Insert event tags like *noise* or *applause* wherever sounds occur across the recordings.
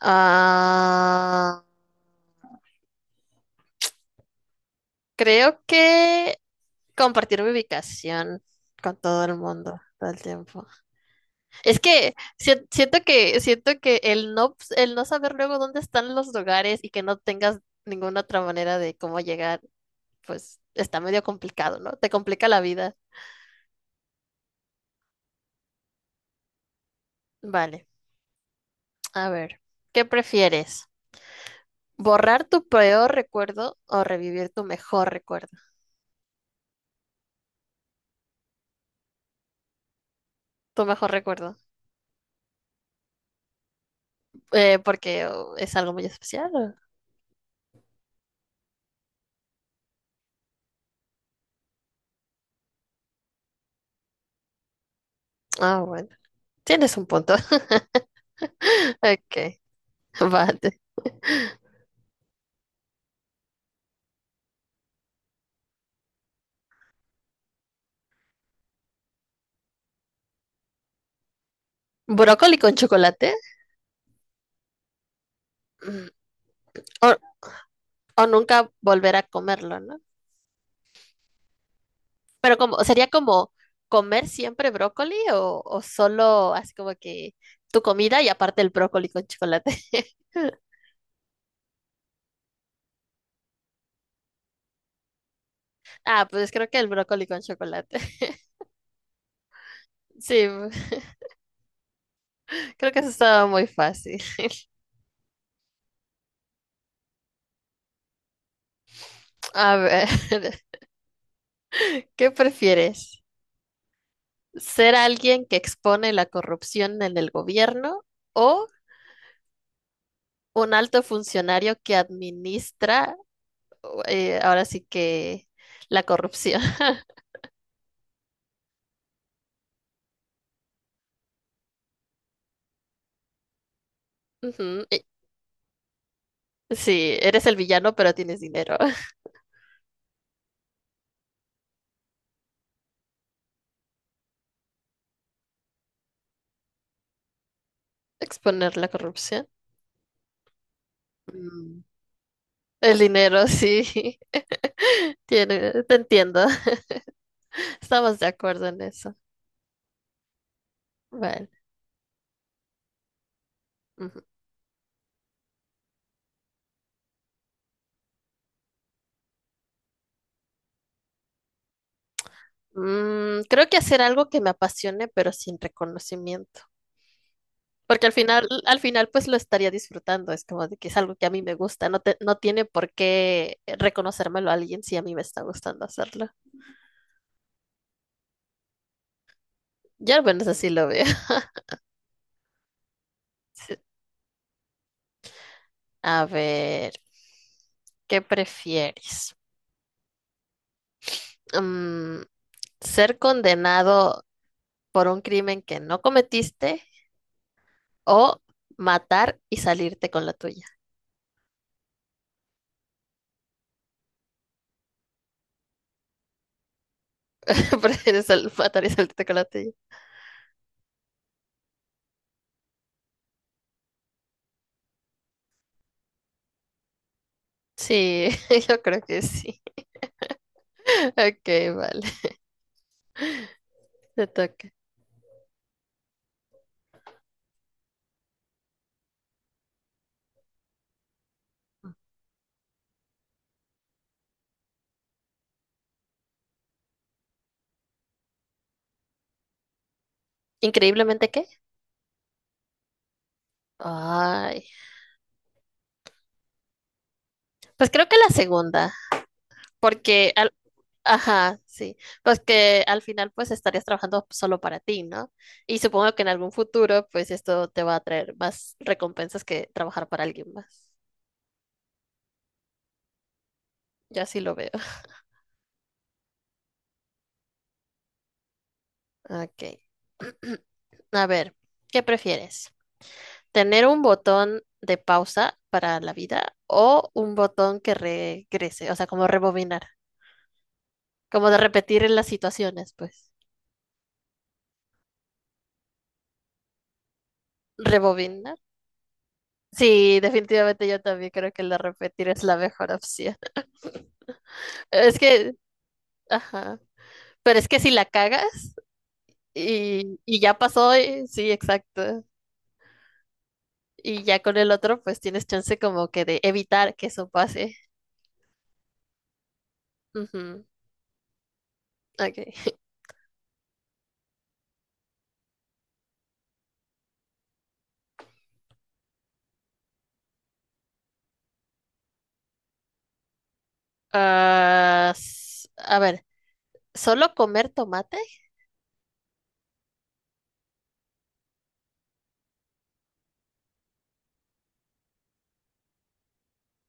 Ah, creo que compartir mi ubicación con todo el mundo todo el tiempo. Es que siento que el no saber luego dónde están los lugares y que no tengas ninguna otra manera de cómo llegar, pues está medio complicado, ¿no? Te complica la vida. Vale, a ver, ¿qué prefieres? ¿Borrar tu peor recuerdo o revivir tu mejor recuerdo? Tu mejor recuerdo. Porque, oh, es algo muy especial, ¿o? Ah, bueno. Tienes un punto. *laughs* Ok, vale. ¿Brócoli con chocolate? Mm. O, o nunca volver a comerlo, ¿no? Pero como, ¿sería como comer siempre brócoli o solo así como que tu comida y aparte el brócoli con chocolate? *laughs* Ah, pues creo que el brócoli con chocolate. *laughs* Sí, creo que eso estaba muy fácil. A ver, *laughs* ¿qué prefieres? ¿Ser alguien que expone la corrupción en el gobierno o un alto funcionario que administra, ahora sí que, la corrupción? *laughs* Ujú, sí, eres el villano, pero tienes dinero. *laughs* Exponer la corrupción. Mm. El dinero, sí. *laughs* Tiene, te entiendo. *laughs* Estamos de acuerdo en eso. Vale. Ujú. Creo que hacer algo que me apasione, pero sin reconocimiento. Porque al final, pues lo estaría disfrutando. Es como de que es algo que a mí me gusta. No tiene por qué reconocérmelo a alguien si a mí me está gustando hacerlo. Ya al menos así lo veo. *laughs* A ver, ¿qué prefieres? Mm, ¿Ser condenado por un crimen que no cometiste o matar y salirte con la tuya? *laughs* ¿Prefieres matar y salirte con la tuya? Sí, *laughs* yo creo que sí. Ok, vale, te toca. ¿Increíblemente qué? Ay, pues creo que la segunda. Porque al, ajá, sí, pues que al final pues estarías trabajando solo para ti, ¿no? Y supongo que en algún futuro pues esto te va a traer más recompensas que trabajar para alguien más. Yo así lo veo. Ok. *clears throat* A ver, ¿qué prefieres? ¿Tener un botón de pausa para la vida o un botón que regrese? O sea, como rebobinar, como de repetir en las situaciones, pues. ¿Rebobinar? Sí, definitivamente yo también creo que la repetir es la mejor opción. Es que, ajá. Pero es que si la cagas y ya pasó, sí, exacto. Y ya con el otro, pues tienes chance como que de evitar que eso pase. Ujú. Okay. *laughs* Ah, a ver, ¿solo comer tomate?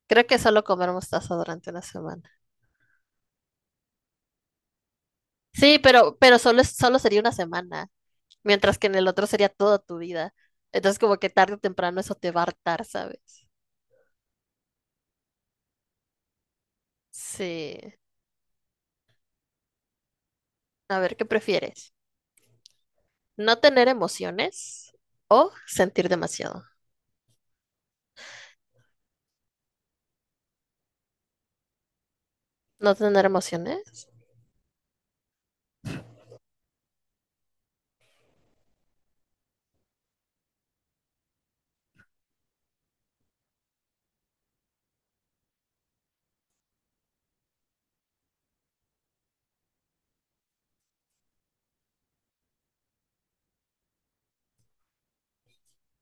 Creo que solo comer mostaza durante una semana. Sí, pero solo, solo sería una semana, mientras que en el otro sería toda tu vida. Entonces, como que tarde o temprano eso te va a hartar, ¿sabes? Sí. A ver, ¿qué prefieres? No tener emociones o sentir demasiado. No tener emociones.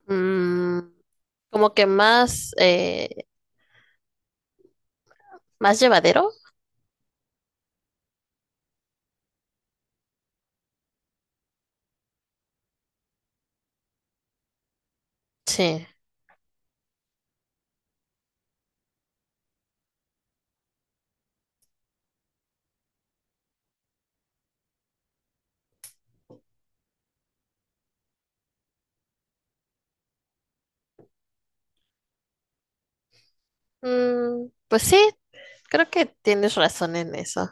mm, Como que más, más llevadero. Sí. Pues sí, creo que tienes razón en eso.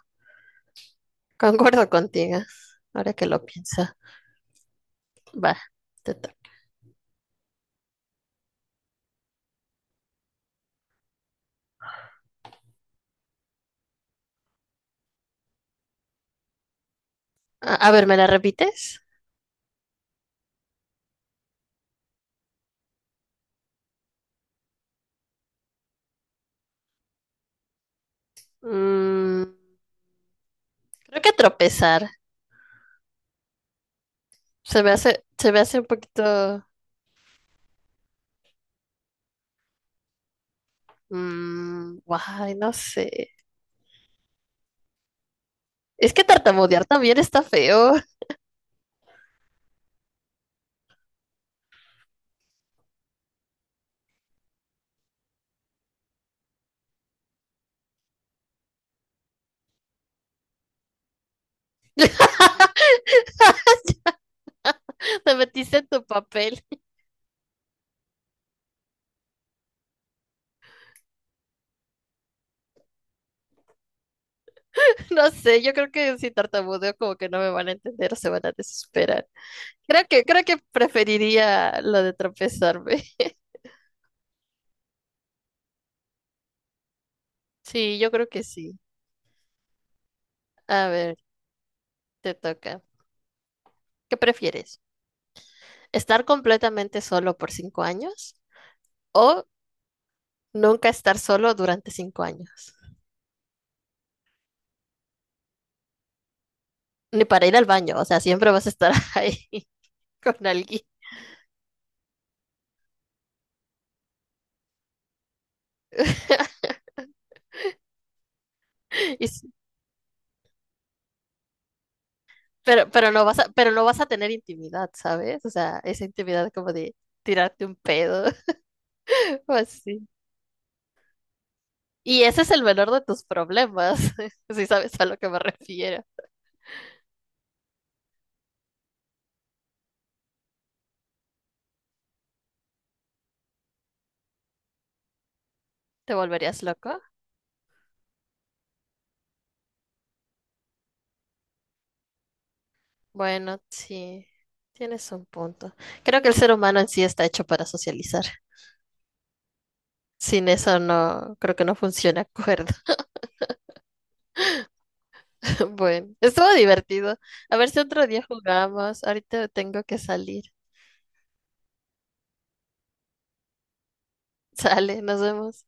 Concuerdo contigo. Ahora que lo pienso. Va, te toca. A ver, ¿me la repites? Mm, Creo que tropezar. Se me hace un poquito. Guay, no sé. Es que tartamudear también está feo. *laughs* Te metiste en tu papel. *laughs* No sé, yo creo que si tartamudeo como que no me van a entender o se van a desesperar. Creo que preferiría lo de tropezarme. *laughs* Sí, yo creo que sí. A ver, te toca. ¿Qué prefieres? ¿Estar completamente solo por 5 años o nunca estar solo durante 5 años? Ni para ir al baño, o sea, siempre vas a estar *laughs* ahí con alguien. *laughs* Y s- pero, pero no vas a tener intimidad, ¿sabes? O sea, esa intimidad como de tirarte un pedo. Pues sí. Y ese es el menor de tus problemas, *laughs* si sabes a lo que me refiero. ¿Te volverías loco? Bueno, sí, tienes un punto. Creo que el ser humano en sí está hecho para socializar. Sin eso no, creo que no funciona acuerdo. *laughs* Bueno, estuvo divertido. A ver si otro día jugamos. Ahorita tengo que salir. Sale, nos vemos.